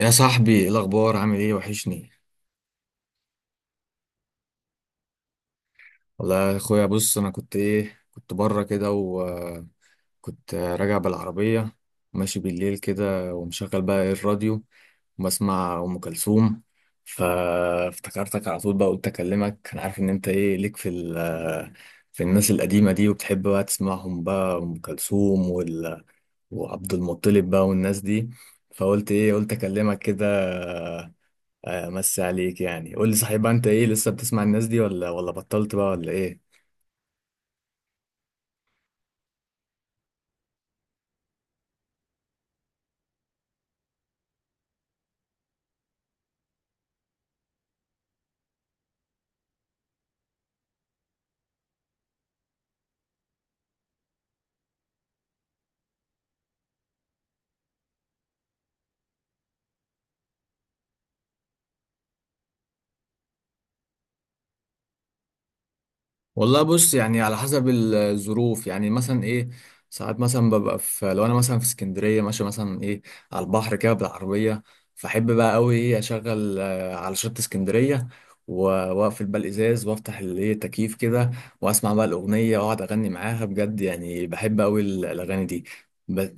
يا صاحبي، ايه الاخبار؟ عامل ايه؟ وحشني. والله يا اخويا، بص، انا كنت كنت بره كده وكنت راجع بالعربيه ماشي بالليل كده ومشغل بقى الراديو وبسمع ام كلثوم. فافتكرتك على طول بقى. قلت اكلمك، انا عارف ان انت ليك في الناس القديمه دي، وبتحب بقى تسمعهم بقى، ام كلثوم وعبد المطلب بقى والناس دي. فقلت قلت اكلمك كده. مسي عليك. يعني قول لي، صحيح بقى انت لسه بتسمع الناس دي، ولا بطلت بقى، ولا ايه؟ والله بص، يعني على حسب الظروف. يعني مثلا ساعات مثلا ببقى في، لو انا مثلا في اسكندريه ماشي مثلا على البحر كده بالعربيه، فاحب بقى قوي اشغل، على شط اسكندريه، و- واقفل بقى الازاز وافتح التكييف كده، واسمع بقى الاغنيه، واقعد اغني معاها. بجد يعني بحب قوي الاغاني دي. بس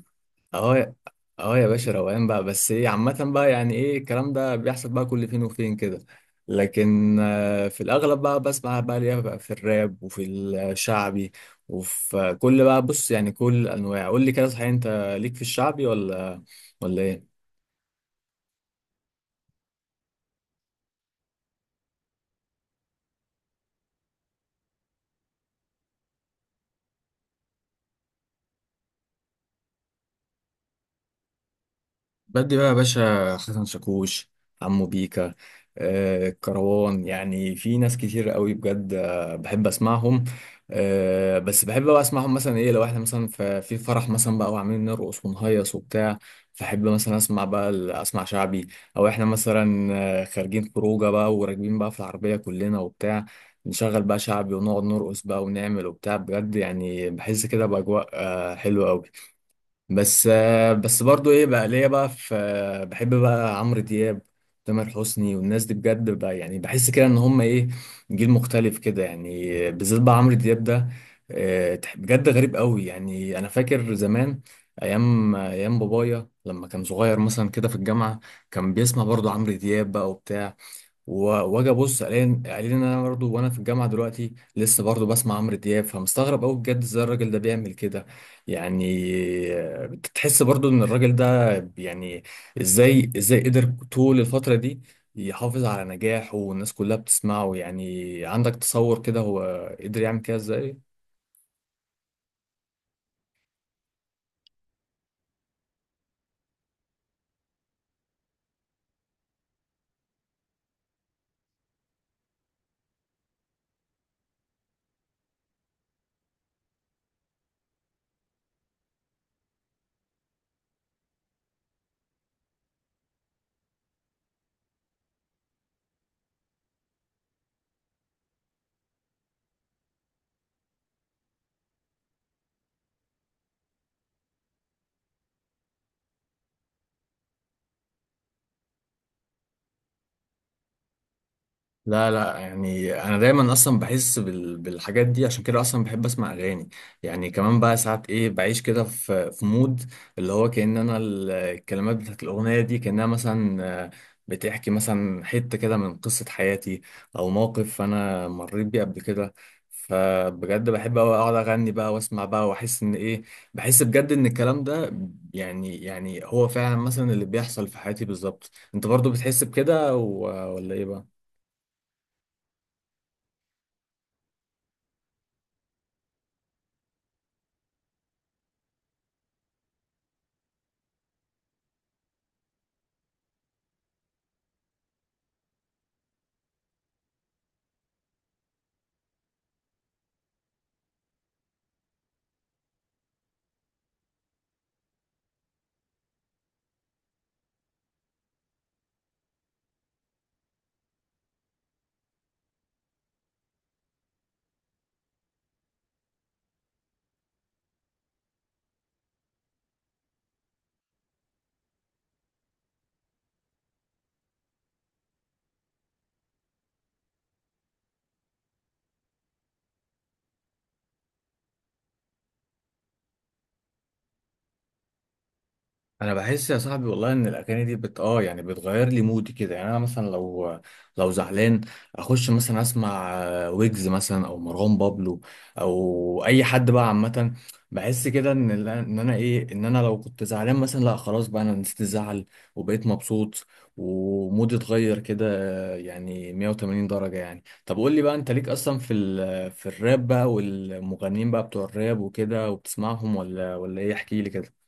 اه. اه يا باشا، روقان بقى. بس عامة بقى، يعني الكلام ده بيحصل بقى كل فين وفين كده. لكن في الأغلب بقى بسمع بقى ليها بقى في الراب، وفي الشعبي، وفي كل بقى. بص، يعني كل الأنواع. قول لي كده، صحيح أنت ليك في الشعبي، ولا ايه؟ بدي بقى يا باشا، حسن شاكوش، عمو بيكا، كروان. يعني في ناس كتير قوي، بجد بحب اسمعهم. بس بحب بقى اسمعهم مثلا لو احنا مثلا في فرح مثلا بقى، وعاملين نرقص ونهيص وبتاع، فحب مثلا اسمع بقى، اسمع شعبي. او احنا مثلا خارجين خروجه بقى وراكبين بقى في العربيه كلنا وبتاع، نشغل بقى شعبي ونقعد نرقص بقى ونعمل وبتاع. بجد يعني بحس كده باجواء حلوه قوي. بس برضو بقى ليا بقى في، بحب بقى عمرو دياب، تامر حسني والناس دي. بجد بقى يعني بحس كده ان هم جيل مختلف كده. يعني بالذات بقى عمرو دياب ده، بجد غريب قوي. يعني انا فاكر زمان، ايام بابايا لما كان صغير مثلا كده في الجامعة، كان بيسمع برضو عمرو دياب بقى وبتاع، واجي ابص، قايلين ان انا برضه وانا في الجامعه دلوقتي لسه برضه بسمع عمرو دياب. فمستغرب قوي بجد ازاي الراجل ده بيعمل كده يعني. بتحس برضه ان الراجل ده، يعني ازاي قدر طول الفتره دي يحافظ على نجاحه، والناس كلها بتسمعه. يعني عندك تصور كده هو قدر يعمل كده ازاي؟ لا لا، يعني انا دايما اصلا بحس بالحاجات دي. عشان كده اصلا بحب اسمع اغاني. يعني كمان بقى ساعات بعيش كده في مود اللي هو كأن انا، الكلمات بتاعت الاغنيه دي كأنها مثلا بتحكي مثلا حته كده من قصه حياتي، او موقف انا مريت بيه قبل كده. فبجد بحب أوي اقعد اغني بقى واسمع بقى واحس ان بحس بجد ان الكلام ده يعني، هو فعلا مثلا اللي بيحصل في حياتي بالظبط. انت برضو بتحس بكده، ولا ايه بقى؟ انا بحس يا صاحبي، والله ان الاغاني دي بت اه يعني بتغير لي مودي كده. يعني انا مثلا لو زعلان، اخش مثلا اسمع ويجز مثلا او مروان بابلو او اي حد بقى عامه، بحس كده ان ال- ان انا ايه ان انا لو كنت زعلان مثلا، لا خلاص بقى انا نسيت الزعل وبقيت مبسوط ومودي اتغير كده، يعني 180 درجه. يعني طب قول لي بقى، انت ليك اصلا في الراب بقى، والمغنيين بقى بتوع الراب وكده، وبتسمعهم ولا ايه؟ احكي لي كده.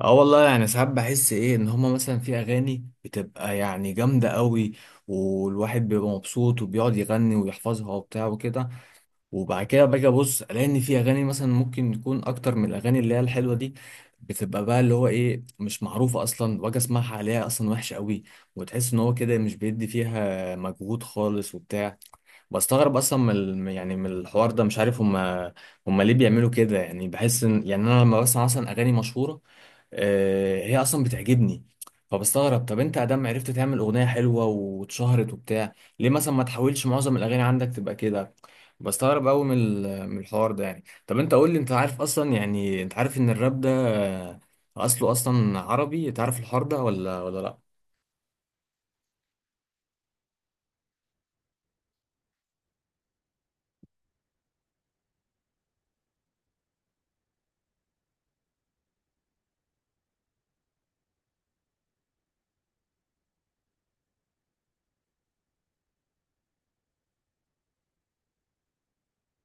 اه والله يعني ساعات بحس ان هما مثلا في اغاني بتبقى يعني جامده قوي، والواحد بيبقى مبسوط وبيقعد يغني ويحفظها وبتاع وكده. وبعد كده باجي ابص الاقي ان في اغاني مثلا ممكن تكون اكتر من الاغاني اللي هي الحلوه دي، بتبقى بقى اللي هو مش معروفه اصلا، واجي اسمعها، عليها اصلا وحشه قوي، وتحس ان هو كده مش بيدي فيها مجهود خالص وبتاع. بستغرب اصلا من يعني من الحوار ده. مش عارف هما، ليه بيعملوا كده؟ يعني بحس ان، يعني انا لما بسمع اصلا اغاني مشهوره، هي اصلا بتعجبني. فبستغرب، طب انت ادم عرفت تعمل اغنيه حلوه واتشهرت وبتاع، ليه مثلا ما تحاولش معظم الاغاني عندك تبقى كده؟ بستغرب قوي من من الحوار ده. يعني طب انت قول لي، انت عارف اصلا، يعني انت عارف ان الراب ده اصله اصلا عربي؟ تعرف الحوار ده، ولا لا؟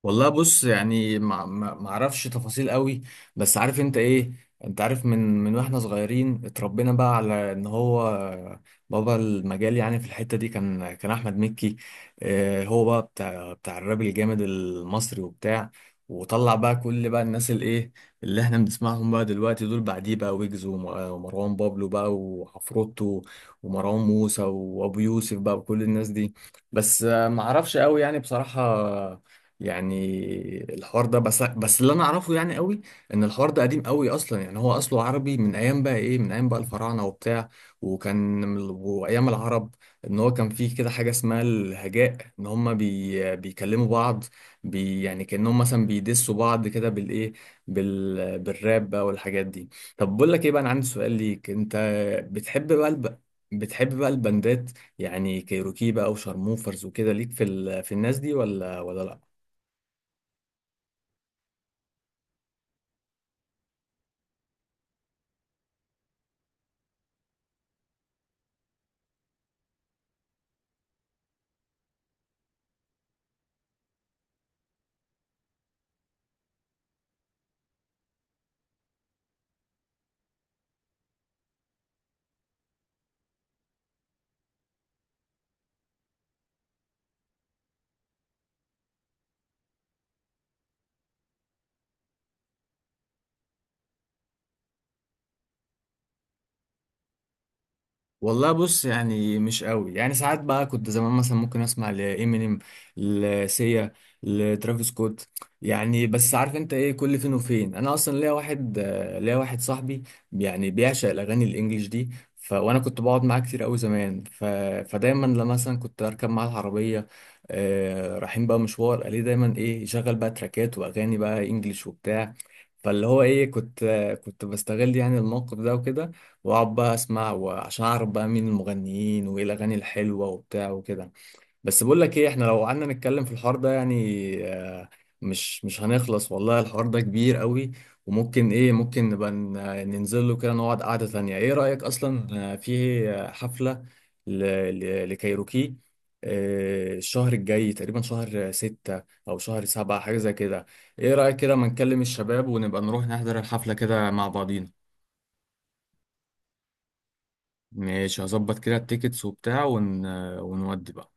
والله بص، يعني ما اعرفش تفاصيل قوي. بس عارف انت ايه، انت عارف، من واحنا صغيرين اتربينا بقى على ان هو بابا المجال يعني في الحتة دي، كان احمد مكي. اه، هو بقى بتاع الراب الجامد المصري وبتاع. وطلع بقى كل بقى الناس اللي احنا بنسمعهم بقى دلوقتي، دول بعديه بقى، ويجز ومروان بابلو بقى، وعفروتو، ومروان موسى، وابو يوسف بقى، وكل الناس دي. بس ما اعرفش قوي يعني، بصراحة يعني. الحوار ده بس اللي انا اعرفه يعني قوي ان الحوار ده قديم قوي اصلا. يعني هو اصله عربي من ايام بقى من ايام بقى الفراعنه وبتاع، وكان من وايام العرب، ان هو كان فيه كده حاجه اسمها الهجاء، ان هم بيكلموا بعض، يعني كانهم مثلا بيدسوا بعض كده بالراب بقى والحاجات دي. طب بقول لك ايه بقى، انا عندي سؤال ليك انت. بتحب بقى الب... بتحب بقى البندات، يعني كايروكي بقى، وشارموفرز وكده، ليك في الناس دي، ولا لا؟ والله بص، يعني مش قوي. يعني ساعات بقى كنت زمان مثلا ممكن اسمع لامينيم، لسيا، لترافيس سكوت. يعني بس عارف انت ايه، كل فين وفين انا اصلا ليا واحد، صاحبي يعني بيعشق الاغاني الانجليش دي. وانا كنت بقعد معاه كتير قوي زمان. فدايما لما مثلا كنت اركب معاه العربيه رايحين بقى مشوار، قال لي دايما يشغل بقى تراكات واغاني بقى انجليش وبتاع. فاللي هو ايه كنت آه، كنت بستغل يعني الموقف ده وكده، واقعد بقى اسمع، وعشان اعرف بقى مين المغنيين وايه الاغاني الحلوه وبتاع وكده. بس بقول لك ايه، احنا لو قعدنا نتكلم في الحوار ده يعني آه، مش هنخلص والله. الحوار ده كبير قوي، وممكن ممكن نبقى ننزل له كده، نقعد قعده ثانيه. ايه رايك اصلا في حفله ل- لكايروكي الشهر الجاي، تقريبا شهر ستة أو شهر سبعة، حاجة زي كده؟ إيه رأيك كده ما نكلم الشباب ونبقى نروح نحضر الحفلة كده مع بعضينا. ماشي، هظبط كده التيكتس وبتاع ونودي بقى.